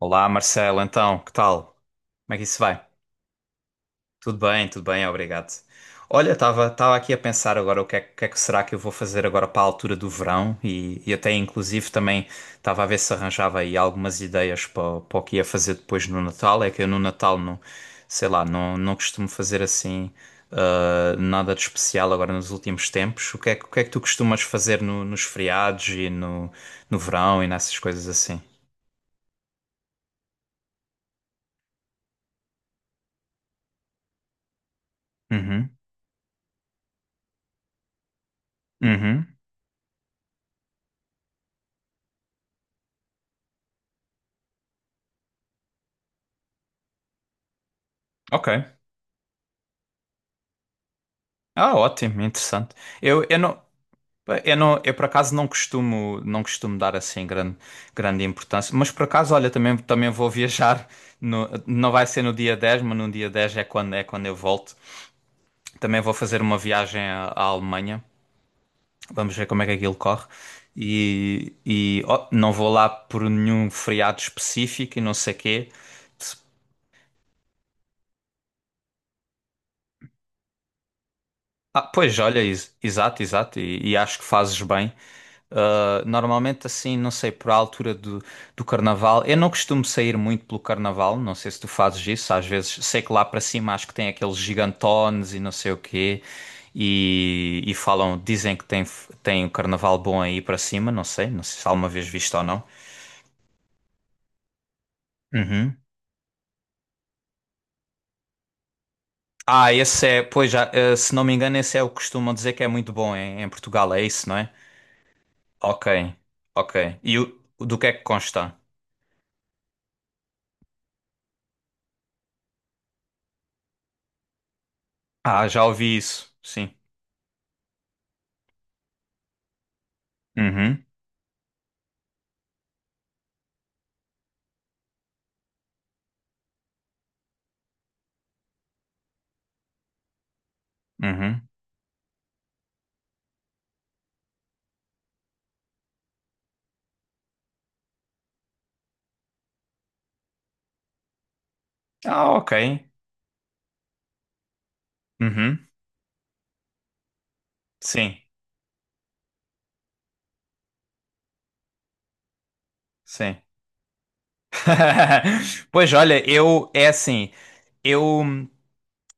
Olá Marcelo, então, que tal? Como é que isso vai? Tudo bem, obrigado. Olha, estava aqui a pensar agora o que é, que é que será que eu vou fazer agora para a altura do verão e até inclusive também estava a ver se arranjava aí algumas ideias para, para o que ia fazer depois no Natal. É que eu no Natal sei lá, não costumo fazer assim nada de especial agora nos últimos tempos. O que é que tu costumas fazer nos feriados e no, no verão e nessas coisas assim? Uhum, uhum. Ok. Ah, ótimo, interessante. Eu não, pá, eu por acaso não costumo, não costumo dar assim grande, grande importância, mas por acaso, olha, também, também vou viajar, não vai ser no dia 10, mas no dia 10 é quando eu volto. Também vou fazer uma viagem à, à Alemanha, vamos ver como é que aquilo corre. Não vou lá por nenhum feriado específico e não sei quê. Ah, pois, olha, exato, exato, e acho que fazes bem. Normalmente assim, não sei, por a altura do, do carnaval, eu não costumo sair muito pelo carnaval, não sei se tu fazes isso, às vezes sei que lá para cima acho que tem aqueles gigantones e não sei o quê, e falam, dizem que tem, tem o carnaval bom aí para cima, não sei, não sei se alguma vez visto ou não. Uhum. Ah, esse é, pois já, se não me engano, esse é o que costumam dizer que é muito bom em, em Portugal, é isso, não é? Ok, ok. E o, do que é que consta? Ah, já ouvi isso, sim. Uhum, uhum. Ah, ok. Uhum. Sim, sim. Pois olha, eu é assim, eu,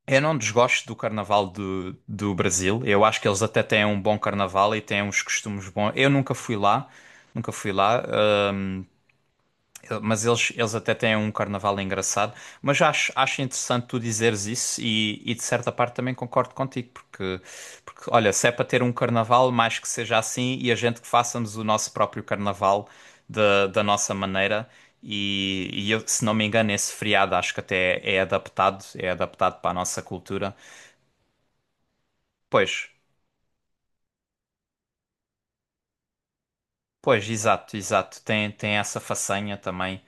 eu não desgosto do carnaval do, do Brasil. Eu acho que eles até têm um bom carnaval e têm uns costumes bons. Eu nunca fui lá, nunca fui lá. Mas eles até têm um carnaval engraçado. Mas acho, acho interessante tu dizeres isso e de certa parte também concordo contigo, porque, porque olha, se é para ter um carnaval, mais que seja assim, e a gente que façamos o nosso próprio carnaval da, da nossa maneira. E eu, se não me engano, esse feriado acho que até é adaptado para a nossa cultura. Pois. Pois, exato, exato. Tem, tem essa façanha também.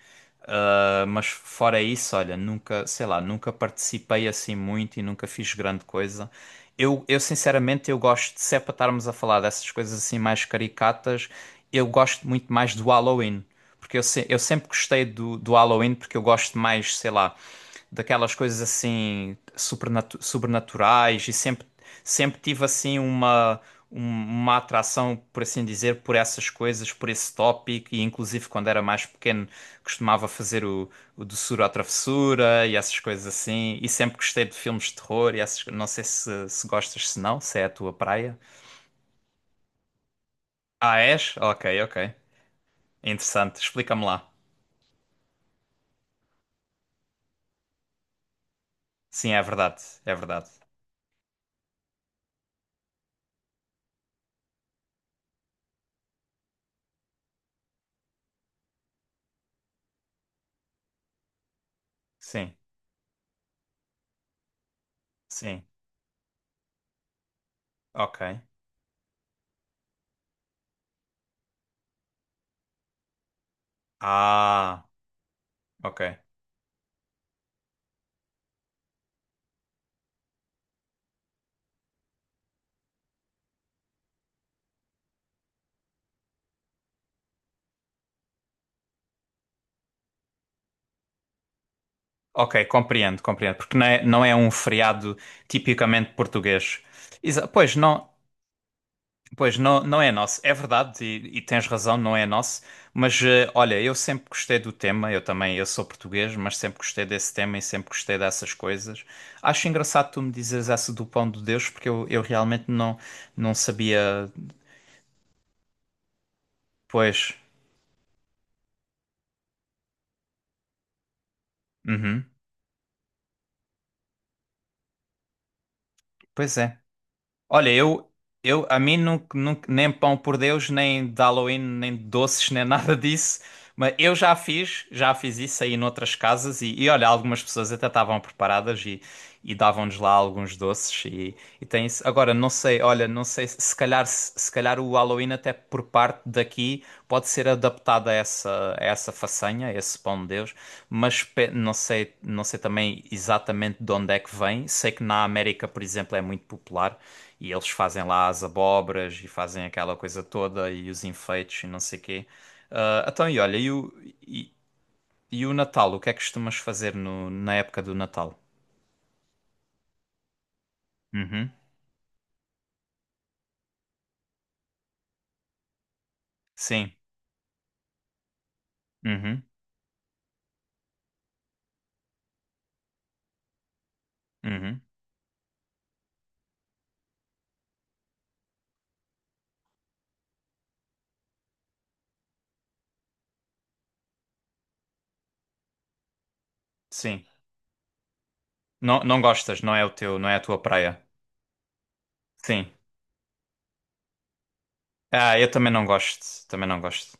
Ah, mas fora isso, olha, nunca, sei lá, nunca participei assim muito e nunca fiz grande coisa. Eu sinceramente, eu gosto, se é para estarmos a falar dessas coisas assim mais caricatas, eu gosto muito mais do Halloween. Porque eu, eu sempre gostei do, do Halloween, porque eu gosto mais, sei lá daquelas coisas assim sobrenaturais e sempre, sempre tive assim uma, uma atração, por assim dizer, por essas coisas, por esse tópico e inclusive quando era mais pequeno costumava fazer o doçura à travessura e essas coisas assim e sempre gostei de filmes de terror e essas, não sei se, se gostas, se não, se é a tua praia. Ah, és? Ok, ok. Interessante. Explica-me lá. Sim, é verdade, é verdade. Sim, sim. Ok. Ah, ok. Ok, compreendo, compreendo, porque não é, não é um feriado tipicamente português. Pois não, pois não, não é nosso, é verdade e tens razão, não é nosso. Mas olha, eu sempre gostei do tema, eu também, eu sou português, mas sempre gostei desse tema e sempre gostei dessas coisas. Acho engraçado tu me dizeres essa do pão de Deus, porque eu realmente não, não sabia. Pois, uhum, pois é. Olha, eu a mim nunca, nem pão por Deus, nem de Halloween, nem de doces, nem nada disso. Mas eu já fiz isso aí noutras casas e olha, algumas pessoas até estavam preparadas e davam-nos lá alguns doces e tem isso. Agora, não sei, olha, não sei, se se calhar, se calhar o Halloween até por parte daqui pode ser adaptado a essa façanha, a esse pão de Deus, mas não sei, não sei também exatamente de onde é que vem. Sei que na América, por exemplo, é muito popular. E eles fazem lá as abóboras e fazem aquela coisa toda e os enfeites e não sei quê. Ah, então, e olha, e, e o Natal? O que é que costumas fazer no, na época do Natal? Uhum. Sim. Uhum. Uhum. Sim. Não, não gostas, não é o teu, não é a tua praia. Sim. Ah, eu também não gosto. Também não gosto.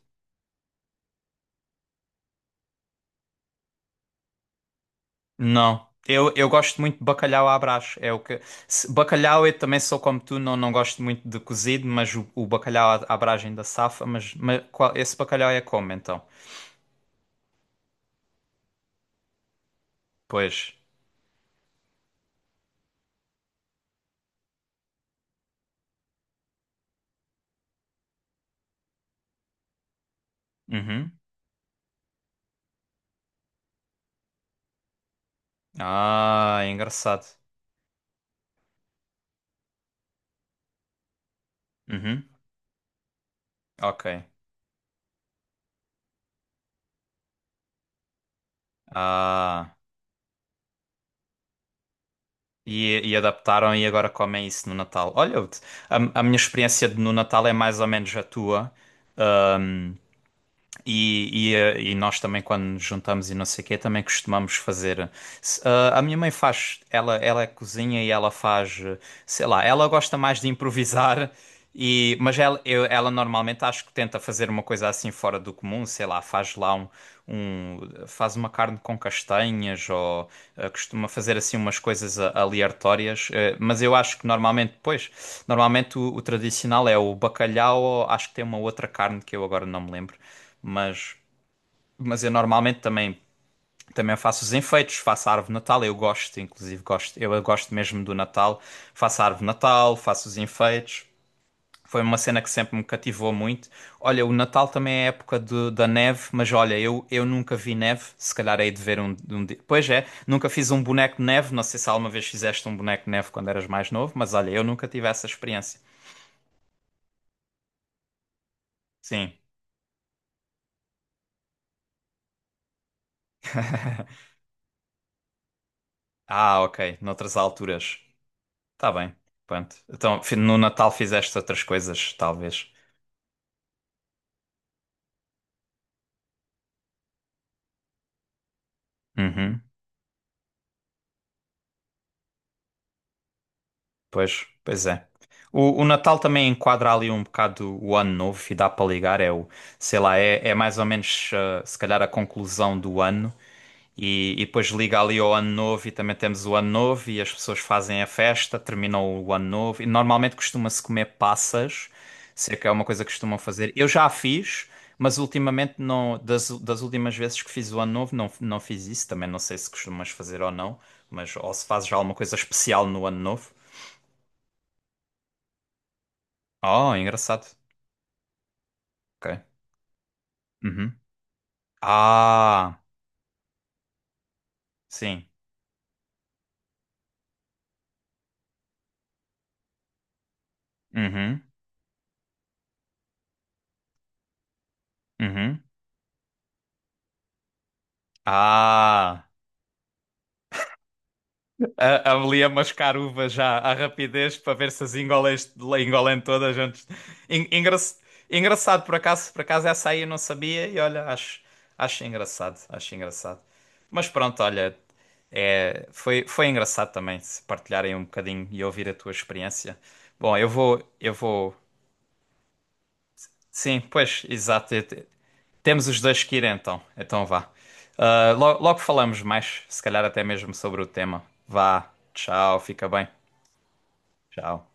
Não. Eu gosto muito de bacalhau à Brás. É o que... Bacalhau eu também sou como tu, não, não gosto muito de cozido, mas o bacalhau à à Brás ainda safa, mas esse bacalhau é como então? Pois. Uhum. Ah, engraçado. Uhum. Ok. Ah. E adaptaram e agora comem isso no Natal. Olha, a minha experiência no Natal é mais ou menos a tua. E, e nós também, quando nos juntamos e não sei o quê, também costumamos fazer. A minha mãe faz, ela cozinha e ela faz, sei lá, ela gosta mais de improvisar, e, mas ela, ela normalmente acho que tenta fazer uma coisa assim fora do comum, sei lá, faz lá um, um faz uma carne com castanhas ou costuma fazer assim umas coisas aleatórias, mas eu acho que normalmente, pois, normalmente o tradicional é o bacalhau, ou acho que tem uma outra carne que eu agora não me lembro. Mas eu normalmente também, também faço os enfeites, faço a árvore de Natal, eu gosto, inclusive gosto, eu gosto mesmo do Natal, faço a árvore de Natal, faço os enfeites. Foi uma cena que sempre me cativou muito. Olha, o Natal também é a época da neve, mas olha, eu nunca vi neve. Se calhar hei de ver um, um dia. Pois é, nunca fiz um boneco de neve. Não sei se alguma vez fizeste um boneco de neve quando eras mais novo, mas olha, eu nunca tive essa experiência. Sim. Ah, ok. Noutras alturas. Tá bem, pronto. Então, no Natal fizeste outras coisas, talvez. Uhum. Pois, pois é. O Natal também enquadra ali um bocado o ano novo e dá para ligar. É o, sei lá, é, é mais ou menos, se calhar, a conclusão do ano. E depois liga ali ao ano novo e também temos o ano novo e as pessoas fazem a festa, terminam o ano novo. E normalmente costuma-se comer passas, sei que é uma coisa que costumam fazer. Eu já a fiz, mas ultimamente não, das, das últimas vezes que fiz o ano novo, não, não fiz isso. Também não sei se costumas fazer ou não, mas ou se fazes já alguma coisa especial no ano novo. Oh, engraçado. Ok. Uhum. Ah, sim. Uhum. Uhum. Ah, a, ali a mascar uvas já à rapidez para ver se as engolem, engolem todas antes. En- engra- Engraçado, por acaso essa aí eu não sabia e olha, acho, acho engraçado, acho engraçado. Mas pronto, olha, é, foi, foi engraçado também se partilharem um bocadinho e ouvir a tua experiência. Bom, eu vou. Sim, pois, exato. Temos os dois que ir então. Então vá. Ah, logo falamos mais, se calhar até mesmo sobre o tema. Vá, tchau, fica bem. Tchau.